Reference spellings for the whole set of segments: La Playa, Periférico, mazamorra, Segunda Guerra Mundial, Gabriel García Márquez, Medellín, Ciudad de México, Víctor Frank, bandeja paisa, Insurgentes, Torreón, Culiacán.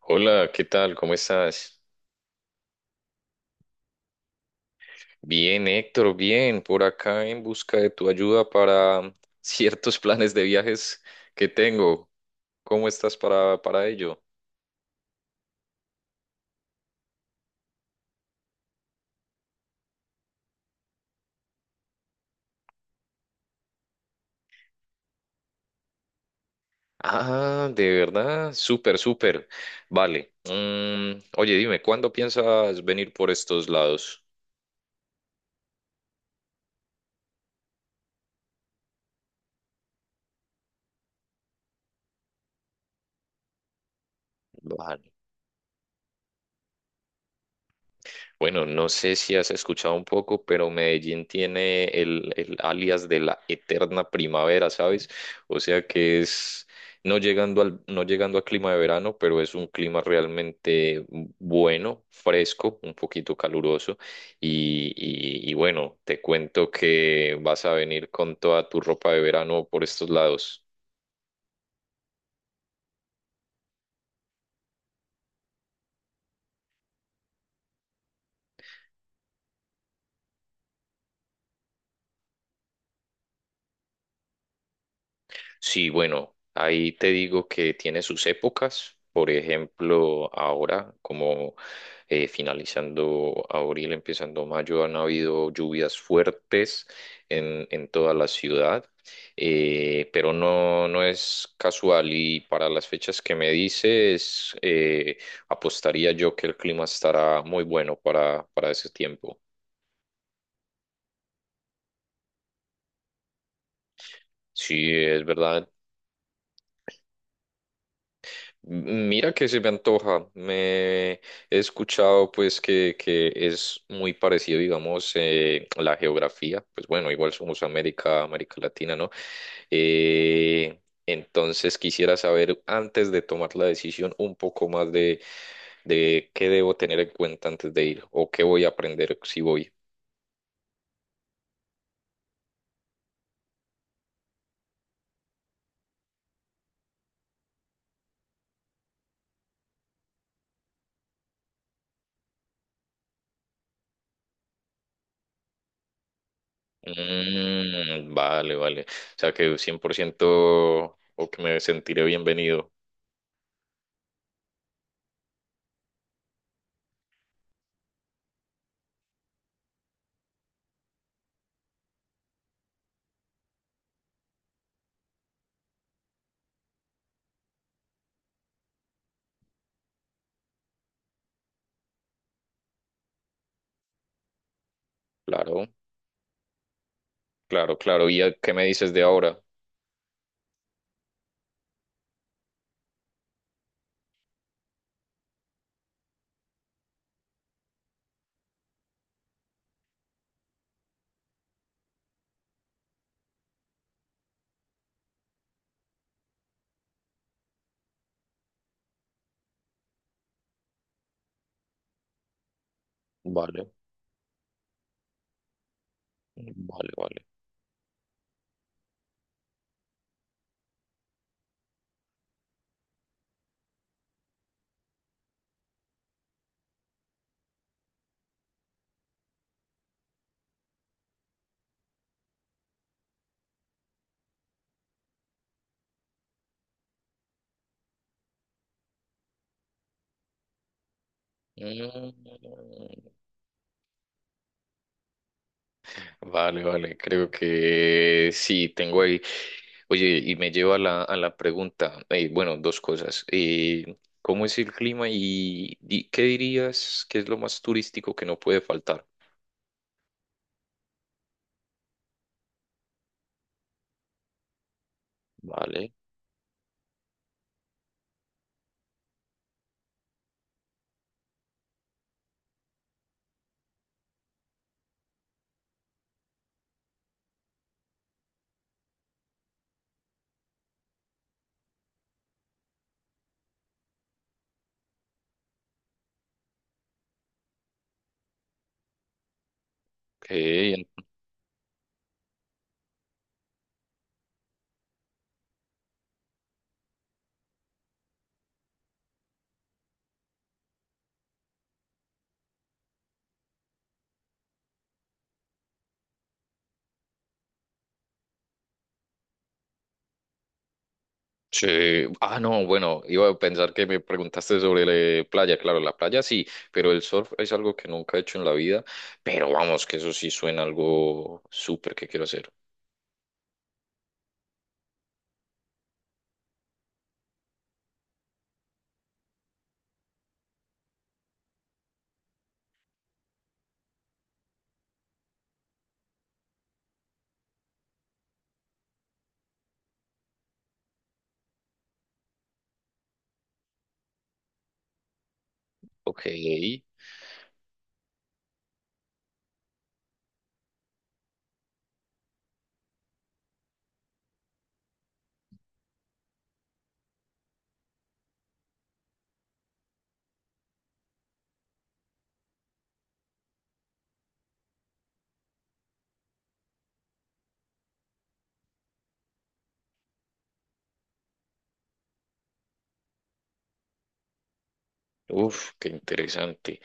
Hola, ¿qué tal? ¿Cómo estás? Bien, Héctor, bien, por acá en busca de tu ayuda para ciertos planes de viajes que tengo. ¿Cómo estás para ello? Ah, de verdad, súper, súper. Vale. Mm, oye, dime, ¿cuándo piensas venir por estos lados? Vale. Bueno, no sé si has escuchado un poco, pero Medellín tiene el alias de la eterna primavera, ¿sabes? O sea que es no llegando al, no llegando a clima de verano, pero es un clima realmente bueno, fresco, un poquito caluroso. Y bueno, te cuento que vas a venir con toda tu ropa de verano por estos lados. Sí, bueno, ahí te digo que tiene sus épocas. Por ejemplo, ahora, como finalizando abril, empezando mayo, han habido lluvias fuertes en toda la ciudad, pero no, no es casual y para las fechas que me dices, apostaría yo que el clima estará muy bueno para ese tiempo. Sí, es verdad. Mira que se me antoja. Me he escuchado pues que es muy parecido, digamos, la geografía. Pues bueno, igual somos América, América Latina, ¿no? Eh, entonces quisiera saber, antes de tomar la decisión, un poco más de qué debo tener en cuenta antes de ir o qué voy a aprender si voy. Mm, vale, vale. O sea que 100% o que me sentiré bienvenido. Claro. Claro, claro. ¿Y a- qué me dices de ahora? Vale, vale, vale. Mm. Vale, vale. Creo que sí, tengo ahí. Oye, y me lleva a la pregunta. Bueno, dos cosas. ¿Cómo es el clima y, di- qué dirías que es lo más turístico que no puede faltar? Vale. Ok. Sí. Ah, no, bueno, iba a pensar que me preguntaste sobre la playa. Claro, la playa sí, pero el surf es algo que nunca he hecho en la vida. Pero vamos, que eso sí suena algo súper que quiero hacer. Ok. Uf, qué interesante.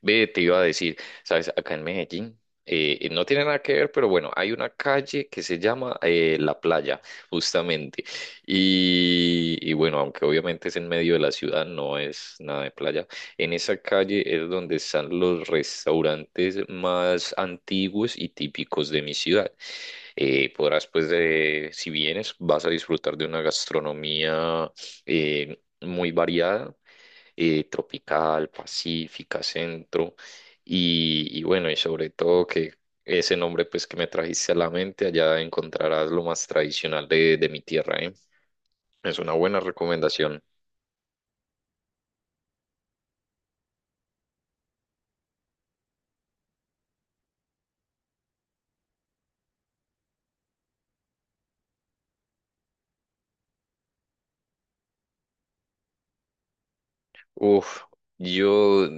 Ve, te iba a decir, sabes, acá en Medellín, no tiene nada que ver, pero bueno, hay una calle que se llama La Playa, justamente. Y bueno, aunque obviamente es en medio de la ciudad, no es nada de playa. En esa calle es donde están los restaurantes más antiguos y típicos de mi ciudad. Podrás, pues, si vienes, vas a disfrutar de una gastronomía muy variada, tropical, pacífica, centro, y bueno, y sobre todo que ese nombre pues que me trajiste a la mente, allá encontrarás lo más tradicional de mi tierra, ¿eh? Es una buena recomendación. Uf, yo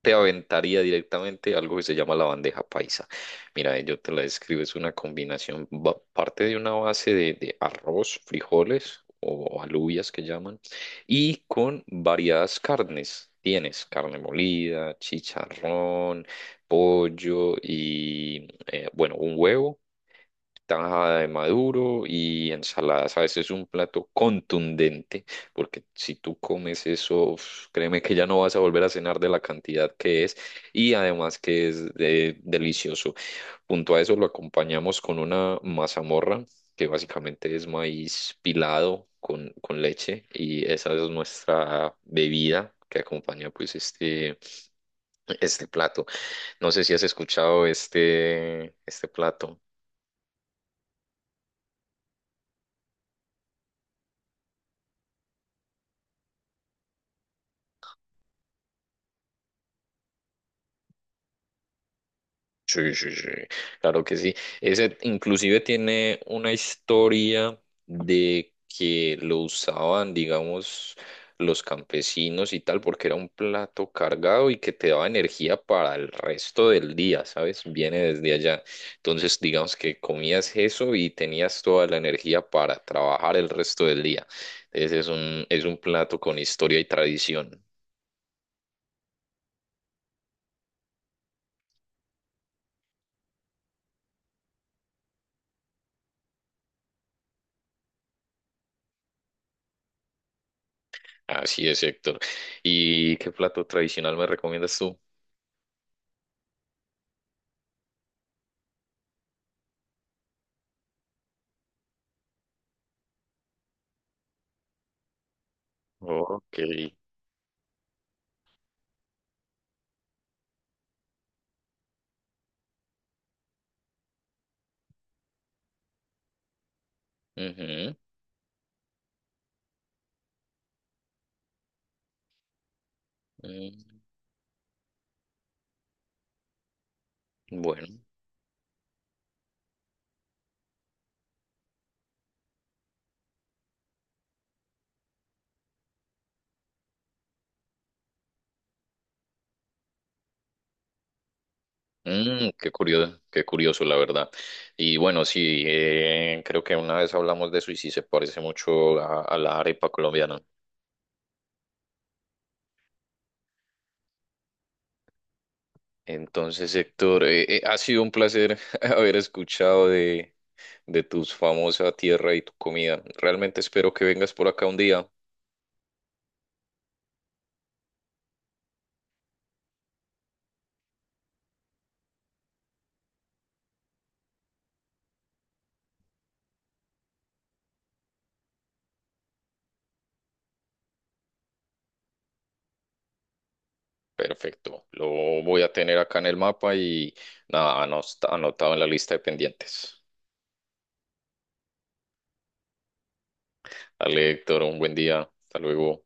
te aventaría directamente algo que se llama la bandeja paisa. Mira, yo te la describo, es una combinación, va- parte de una base de arroz, frijoles o alubias que llaman, y con variadas carnes. Tienes carne molida, chicharrón, pollo y, bueno, un huevo, tajada de maduro y ensaladas. A veces es un plato contundente, porque si tú comes eso, uf, créeme que ya no vas a volver a cenar de la cantidad que es y además que es de- delicioso. Junto a eso lo acompañamos con una mazamorra, que básicamente es maíz pilado con leche y esa es nuestra bebida que acompaña pues este plato. No sé si has escuchado este, este plato. Sí, sí, sí, claro que sí. Ese inclusive tiene una historia de que lo usaban, digamos, los campesinos y tal, porque era un plato cargado y que te daba energía para el resto del día, ¿sabes? Viene desde allá. Entonces, digamos que comías eso y tenías toda la energía para trabajar el resto del día. Ese es un plato con historia y tradición. Así es, Héctor. ¿Y qué plato tradicional me recomiendas tú? Ok. Ujú. Mm. Bueno. Mm, qué curioso, la verdad. Y bueno, sí, creo que una vez hablamos de eso y sí se parece mucho a la arepa colombiana. Entonces, Héctor, ha sido un placer haber escuchado de tus famosa tierra y tu comida. Realmente espero que vengas por acá un día. Perfecto, lo voy a tener acá en el mapa y nada, anos- anotado en la lista de pendientes. Dale, Héctor, un buen día. Hasta luego.